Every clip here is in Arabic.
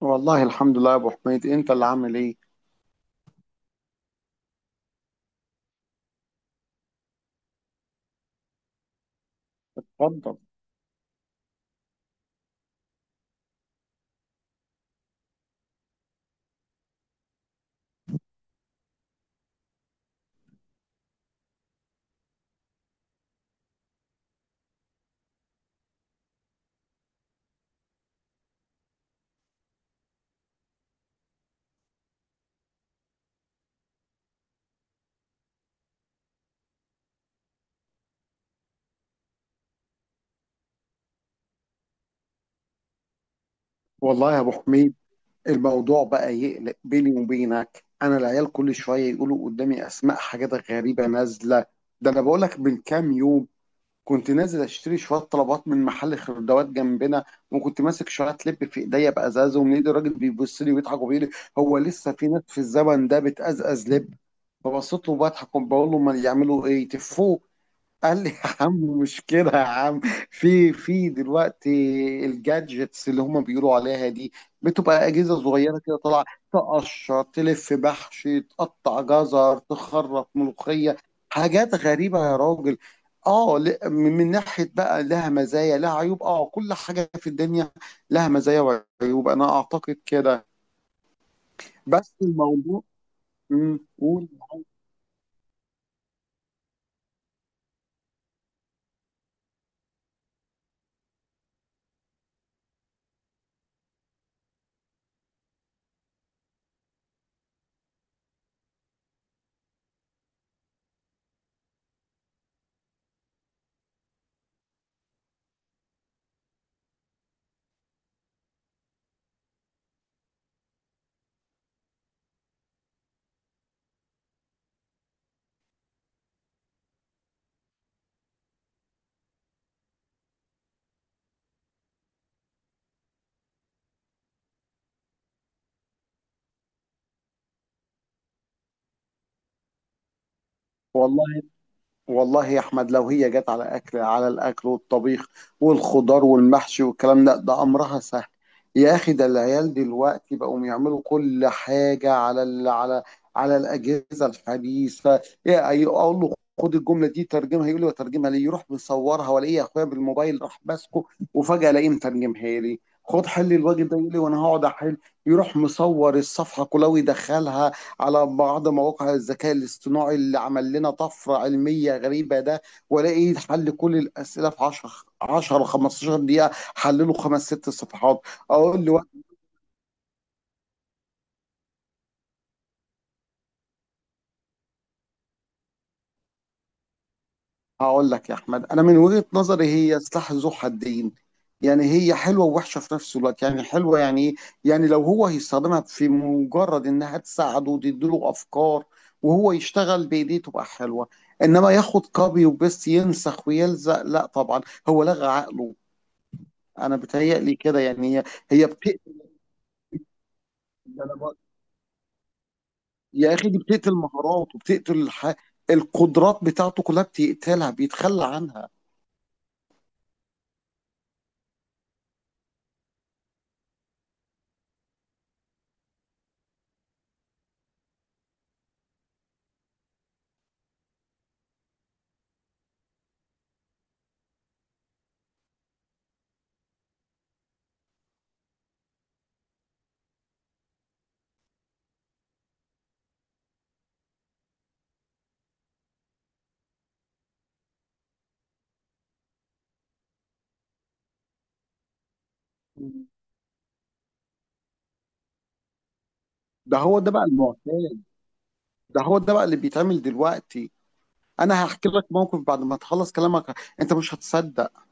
والله الحمد لله يا ابو حميد، انت اللي عامل ايه؟ اتفضل. والله يا ابو حميد، الموضوع بقى يقلق بيني وبينك. انا العيال كل شويه يقولوا قدامي اسماء حاجات غريبه نازله. ده انا بقول لك من كام يوم كنت نازل اشتري شويه طلبات من محل خردوات جنبنا، وكنت ماسك شويه لب في ايديا بازازه، ومن ايد الراجل بيبص لي ويضحك وبيقول لي: هو لسه في ناس في الزمن ده بتأزأز لب؟ فبصيت له بضحك وبقول له: ما يعملوا ايه؟ تفوه؟ قال لي: يا عم، مشكلة يا عم. في دلوقتي الجادجتس اللي هما بيقولوا عليها دي بتبقى أجهزة صغيرة كده طالعة، تقشر، تلف بحش، تقطع جزر، تخرط ملوخية. حاجات غريبة يا راجل. اه، من ناحية بقى لها مزايا لها عيوب. اه، كل حاجة في الدنيا لها مزايا وعيوب، أنا أعتقد كده. بس الموضوع. قول. والله، والله يا احمد لو هي جت على اكل، على الاكل والطبيخ والخضار والمحشي والكلام ده، ده امرها سهل. يا اخي، ده العيال دلوقتي بقوا يعملوا كل حاجه على ال على على الاجهزه الحديثه. اقول له: خد الجمله دي ترجمها، يقول لي: وترجمها ليه؟ يروح مصورها، والاقي اخويا بالموبايل راح ماسكه وفجاه الاقيه مترجمها لي. خد حل الواجب ده، يقول لي: وانا هقعد احل؟ يروح مصور الصفحه كلها ويدخلها على بعض مواقع الذكاء الاصطناعي اللي عمل لنا طفرة علمية غريبة ده، والاقي حل كل الأسئلة في 10، 10 15 دقيقة. حلله خمس ست صفحات. اقول له: هقول لك يا احمد، انا من وجهة نظري هي سلاح ذو حدين. يعني هي حلوة ووحشة في نفس الوقت. يعني حلوة يعني ايه؟ يعني لو هو هيستخدمها في مجرد انها تساعده وتديله افكار وهو يشتغل بايديه تبقى حلوة. انما ياخد كوبي وبيست، ينسخ ويلزق، لا طبعا، هو لغى عقله. انا بتهيألي كده. يعني هي بتقتل. ده أنا بق- يا اخي دي بتقتل مهارات، وبتقتل القدرات بتاعته كلها، بتقتلها، بيتخلى عنها. ده هو ده بقى المعتاد، ده هو ده بقى اللي بيتعمل دلوقتي. انا هحكي لك موقف بعد ما تخلص كلامك، انت مش هتصدق.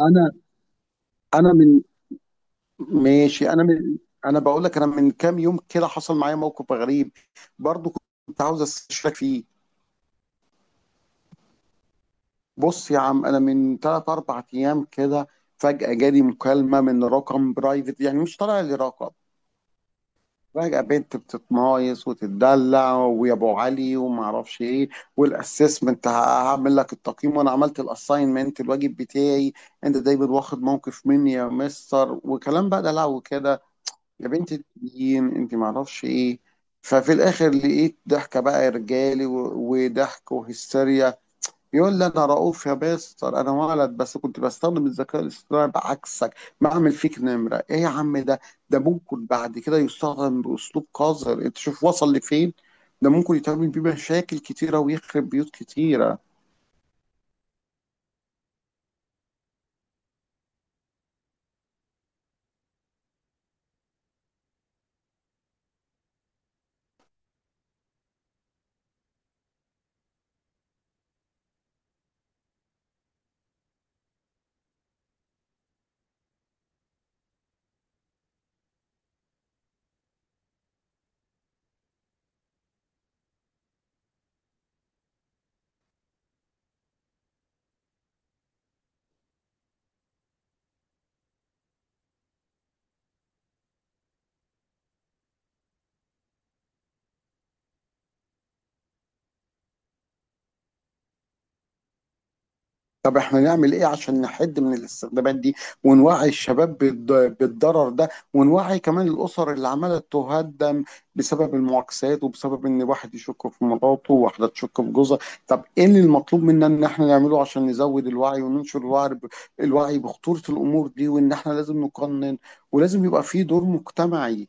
انا انا من ماشي انا من انا بقول لك، انا من كام يوم كده حصل معايا موقف غريب برضو، كنت عاوز استشارك فيه. بص يا عم، انا من 3 4 ايام كده فجأة جالي مكالمة من رقم برايفت، يعني مش طالع لي رقم. فجأة بنت بتتمايص وتتدلع: ويا ابو علي وما اعرفش ايه، والاسسمنت هعمل لك التقييم، وانا عملت الاساينمنت الواجب بتاعي، انت دايما واخد موقف مني يا مستر، وكلام بقى ده. لو كده يا بنت التنين، انت ما اعرفش ايه. ففي الاخر لقيت ضحكة بقى رجالي وضحك وهستيريا. يقول لي: انا رؤوف يا بيستر، انا ولد، بس كنت بستخدم الذكاء الاصطناعي بعكسك، بعمل فيك نمره ايه يا عم ده؟ ده ممكن بعد كده يستخدم باسلوب قذر، انت شوف وصل لفين. ده ممكن يتعمل بيه مشاكل كتيره ويخرب بيوت كتيره. طب احنا نعمل ايه عشان نحد من الاستخدامات دي، ونوعي الشباب بالضرر ده، ونوعي كمان الاسر اللي عماله تهدم بسبب المعاكسات، وبسبب ان واحد يشك في مراته وواحده تشك في جوزها؟ طب ايه اللي المطلوب منا ان احنا نعمله عشان نزود الوعي وننشر الوعي الوعي بخطورة الامور دي؟ وان احنا لازم نقنن، ولازم يبقى في دور مجتمعي.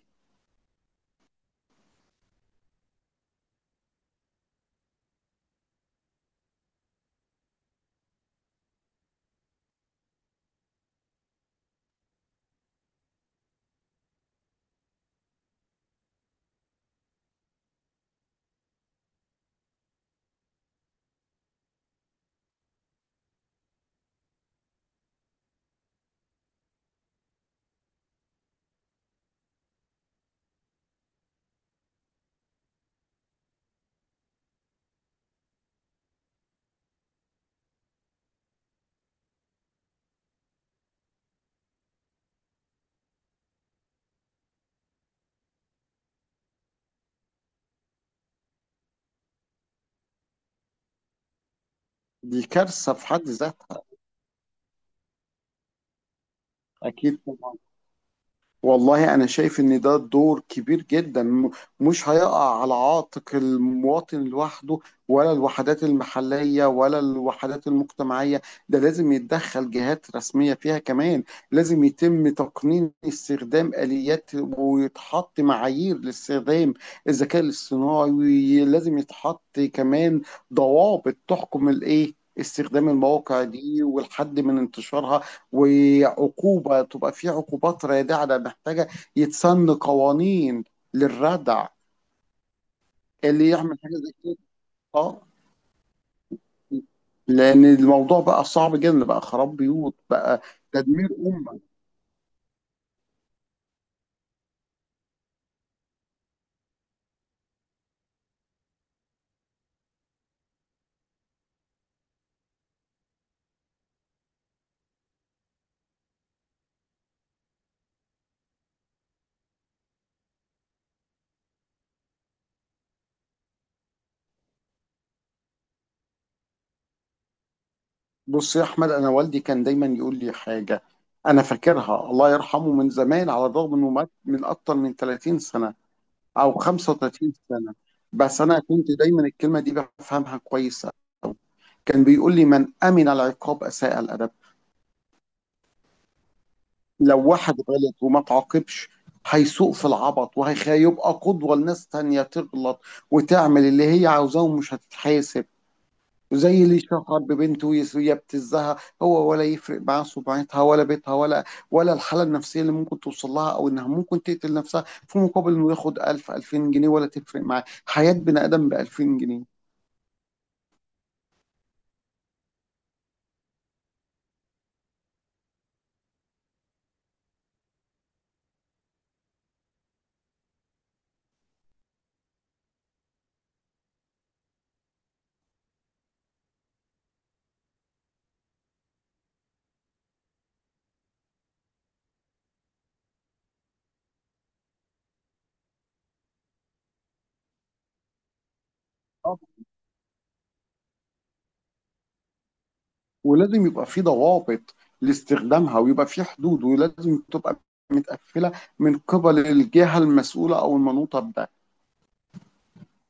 دي كارثة في حد ذاتها. اكيد. والله أنا شايف إن ده دور كبير جدا، مش هيقع على عاتق المواطن لوحده، ولا الوحدات المحلية، ولا الوحدات المجتمعية. ده لازم يتدخل جهات رسمية فيها كمان. لازم يتم تقنين استخدام آليات، ويتحط معايير لاستخدام الذكاء الاصطناعي. ولازم يتحط كمان ضوابط تحكم الإيه، استخدام المواقع دي، والحد من انتشارها. وعقوبة، تبقى في عقوبات رادعة. ده محتاجة يتسن قوانين للردع اللي يعمل حاجة زي كده. اه، لأن الموضوع بقى صعب جدا، بقى خراب بيوت، بقى تدمير أمة. بص يا أحمد، أنا والدي كان دايما يقول لي حاجة أنا فاكرها، الله يرحمه، من زمان، على الرغم إنه مات من أكتر من 30 سنة أو 35 سنة. بس أنا كنت دايما الكلمة دي بفهمها كويسة. كان بيقول لي: من أمن العقاب أساء الأدب. لو واحد غلط وما تعاقبش هيسوق في العبط، وهيبقى قدوة لناس تانية تغلط وتعمل اللي هي عاوزاه ومش هتتحاسب. وزي اللي شهر ببنته ويبتزها، هو ولا يفرق معاه سمعتها ولا بيتها، ولا الحالة النفسية اللي ممكن توصل لها، أو إنها ممكن تقتل نفسها، في مقابل إنه ياخد 1000 2000 جنيه. ولا تفرق معاه حياة بني آدم ب 2000 جنيه؟ ولازم يبقى في ضوابط لاستخدامها، ويبقى في حدود، ولازم تبقى متقفله من قبل الجهه المسؤوله او المنوطه بده،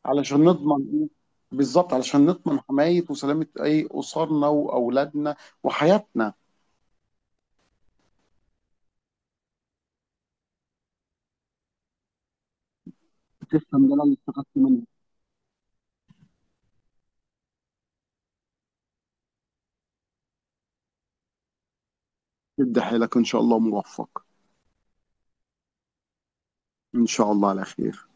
علشان نضمن، بالظبط علشان نضمن حمايه وسلامه اي اسرنا واولادنا وحياتنا. تسلم لنا اللي استفدت منه. ادي حيلك، ان شاء الله موفق. ان شاء الله على خير.